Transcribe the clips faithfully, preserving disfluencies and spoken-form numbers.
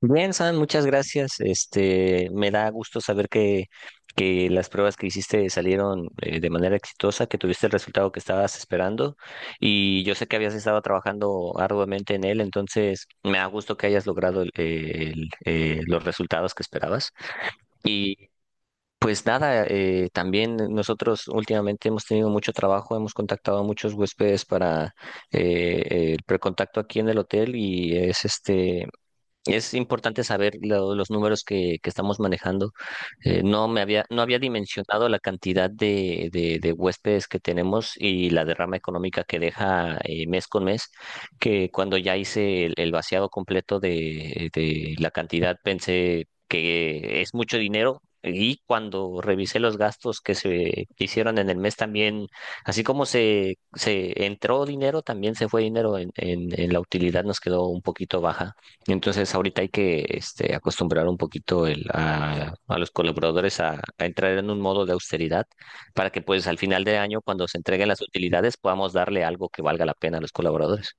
Bien, San, muchas gracias. Este, me da gusto saber que, que las pruebas que hiciste salieron eh, de manera exitosa, que tuviste el resultado que estabas esperando. Y yo sé que habías estado trabajando arduamente en él, entonces me da gusto que hayas logrado el- el- eh, los resultados que esperabas. Y pues nada, eh, también nosotros últimamente hemos tenido mucho trabajo, hemos contactado a muchos huéspedes para eh, el precontacto aquí en el hotel y es este. Es importante saber lo- los números que, que estamos manejando. Eh, no me había, no había dimensionado la cantidad de, de, de huéspedes que tenemos y la derrama económica que deja eh, mes con mes, que cuando ya hice el, el vaciado completo de, de la cantidad pensé que es mucho dinero. Y cuando revisé los gastos que se hicieron en el mes también, así como se, se entró dinero, también se fue dinero en, en en la utilidad nos quedó un poquito baja. Entonces ahorita hay que este, acostumbrar un poquito el- a, a los colaboradores a, a entrar en un modo de austeridad para que pues al final de año, cuando se entreguen las utilidades, podamos darle algo que valga la pena a los colaboradores.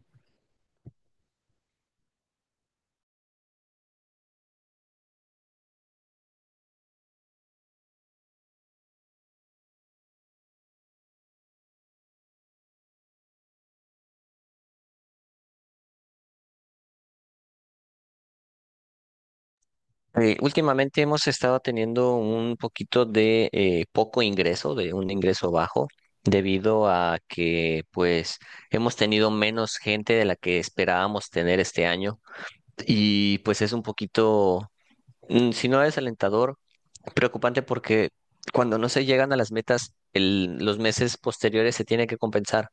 Eh, últimamente hemos estado teniendo un poquito de eh, poco ingreso, de un ingreso bajo, debido a que pues hemos tenido menos gente de la que esperábamos tener este año y pues es un poquito, mm, si no desalentador, preocupante porque cuando no se llegan a las metas, el- los meses posteriores se tiene que compensar.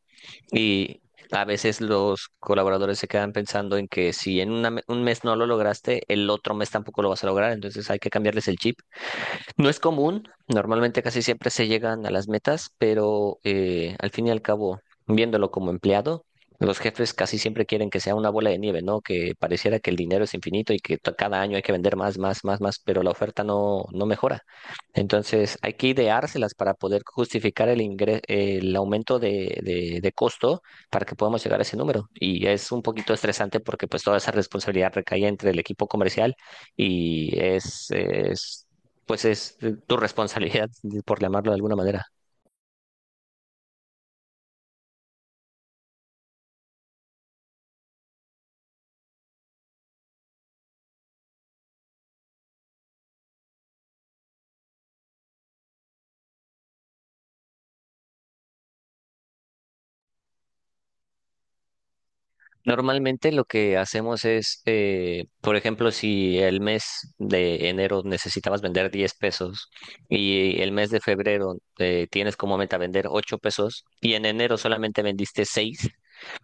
Y a veces los colaboradores se quedan pensando en que si en una me- un mes no lo lograste, el otro mes tampoco lo vas a lograr, entonces hay que cambiarles el chip. No es común, normalmente casi siempre se llegan a las metas, pero eh, al fin y al cabo, viéndolo como empleado, los jefes casi siempre quieren que sea una bola de nieve, ¿no? Que pareciera que el dinero es infinito y que to- cada año hay que vender más, más, más, más, pero la oferta no, no mejora. Entonces, hay que ideárselas para poder justificar el ingre- el aumento de, de, de costo para que podamos llegar a ese número. Y es un poquito estresante porque pues toda esa responsabilidad recae entre el equipo comercial y es, pues es eh, tu responsabilidad, por llamarlo de alguna manera. Normalmente lo que hacemos es, eh, por ejemplo, si el mes de enero necesitabas vender diez pesos y el mes de febrero eh, tienes como meta vender ocho pesos y en enero solamente vendiste seis,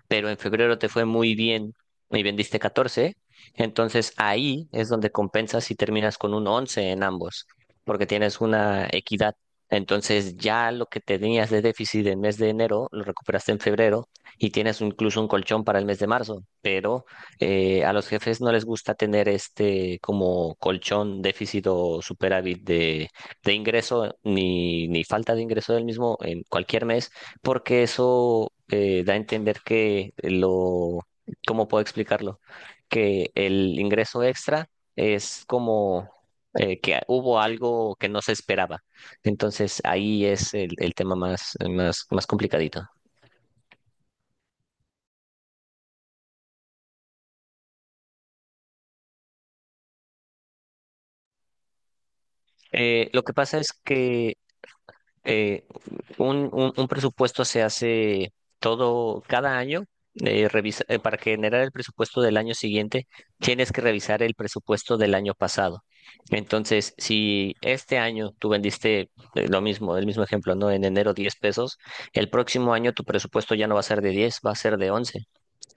pero en febrero te fue muy bien y vendiste catorce. Entonces ahí es donde compensas y terminas con un once en ambos, porque tienes una equidad. Entonces ya lo que tenías de déficit en mes de enero lo recuperaste en febrero y tienes incluso un colchón para el mes de marzo, pero eh, a los jefes no les gusta tener este como colchón déficit o superávit de, de ingreso ni, ni falta de ingreso del mismo en cualquier mes porque eso eh, da a entender que lo, ¿cómo puedo explicarlo? Que el ingreso extra es como eh, que hubo algo que no se esperaba. Entonces ahí es el, el tema más, más, más complicadito. Eh, lo que pasa es que eh, un, un- Un presupuesto se hace todo, cada año. Eh, revisa- eh, para generar el presupuesto del año siguiente, tienes que revisar el presupuesto del año pasado. Entonces, si este año tú vendiste eh, lo mismo, el mismo ejemplo, ¿no? En enero diez pesos, el próximo año tu presupuesto ya no va a ser de diez, va a ser de once.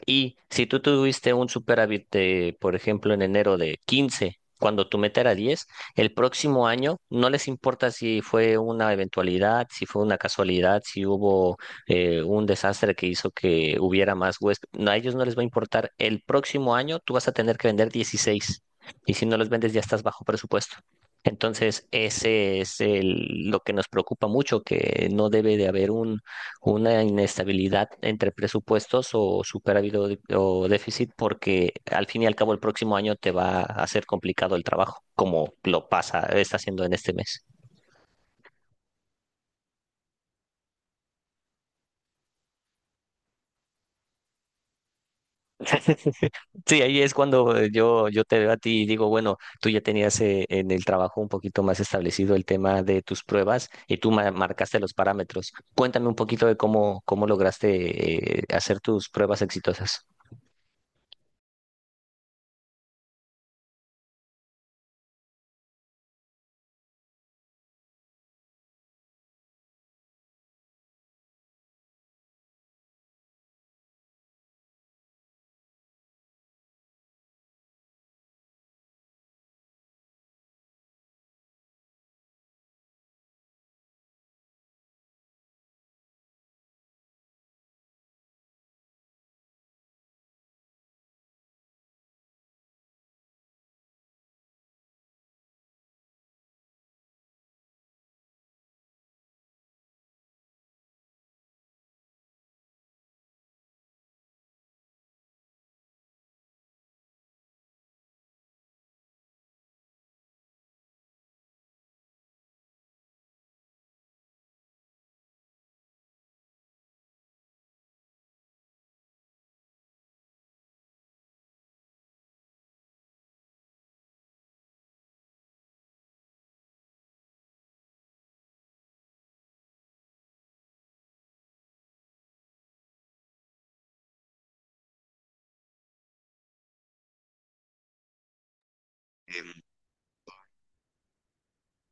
Y si tú tuviste un superávit de, por ejemplo, en enero de quince, cuando tu meta era diez, el próximo año no les importa si fue una eventualidad, si fue una casualidad, si hubo eh, un desastre que hizo que hubiera más huéspedes. No, a ellos no les va a importar. El próximo año tú vas a tener que vender dieciséis, y si no los vendes ya estás bajo presupuesto. Entonces, ese es el- lo que nos preocupa mucho, que no debe de haber un una inestabilidad entre presupuestos o superávit o de- o déficit, porque al fin y al cabo el próximo año te va a hacer complicado el trabajo, como lo pasa, está haciendo en este mes. Sí, ahí es cuando eh, yo, yo te veo a ti y digo, bueno, tú ya tenías eh, en el trabajo un poquito más establecido el tema de tus pruebas y tú ma- marcaste los parámetros. Cuéntame un poquito de cómo, cómo lograste eh, hacer tus pruebas exitosas.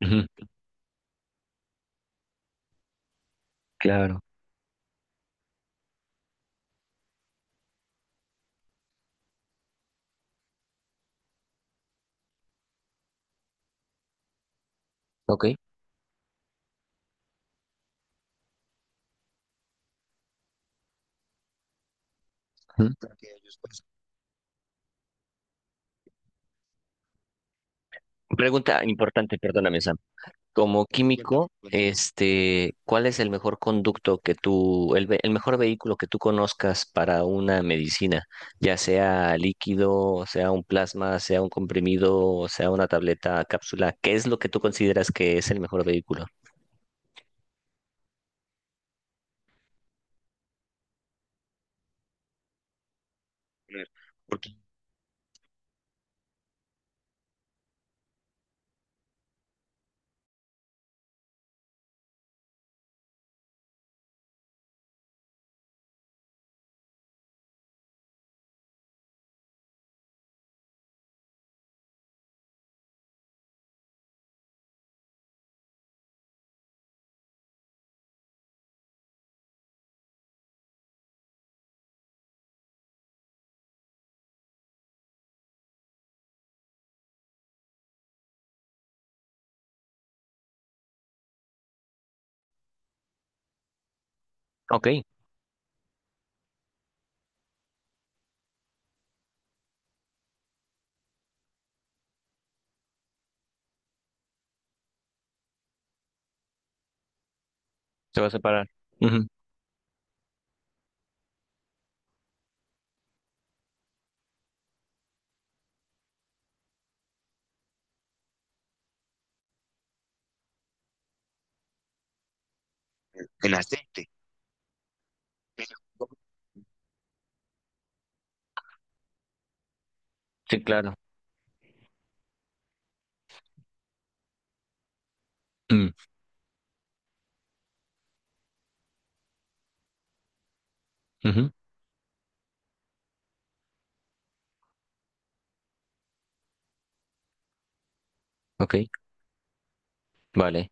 Ujú. Claro. ¿Ok? Ujú. Pregunta importante, perdóname, Sam. Como cuéntame, químico, cuéntame. Este, ¿cuál es el mejor conducto que tú, el, ve- el mejor vehículo que tú conozcas para una medicina? Ya sea líquido, sea un plasma, sea un comprimido, sea una tableta, cápsula. ¿Qué es lo que tú consideras que es el mejor vehículo? Ok, se va a separar. Ujú. Sí, claro. Mm. Ujú. Ok, vale.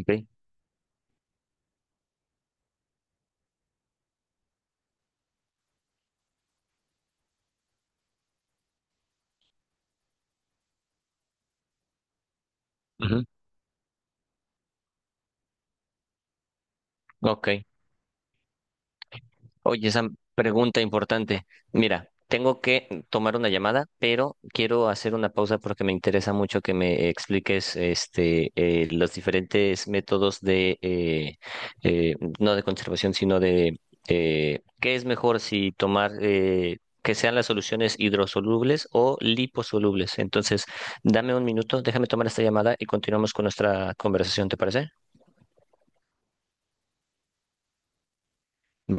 Ok. Ujú. Ok. Oye, esa pregunta importante. Mira, tengo que tomar una llamada, pero quiero hacer una pausa porque me interesa mucho que me expliques este, eh, los diferentes métodos de, eh, eh, no de conservación, sino de eh, qué es mejor si tomar, eh, que sean las soluciones hidrosolubles o liposolubles. Entonces, dame un minuto, déjame tomar esta llamada y continuamos con nuestra conversación, ¿te parece?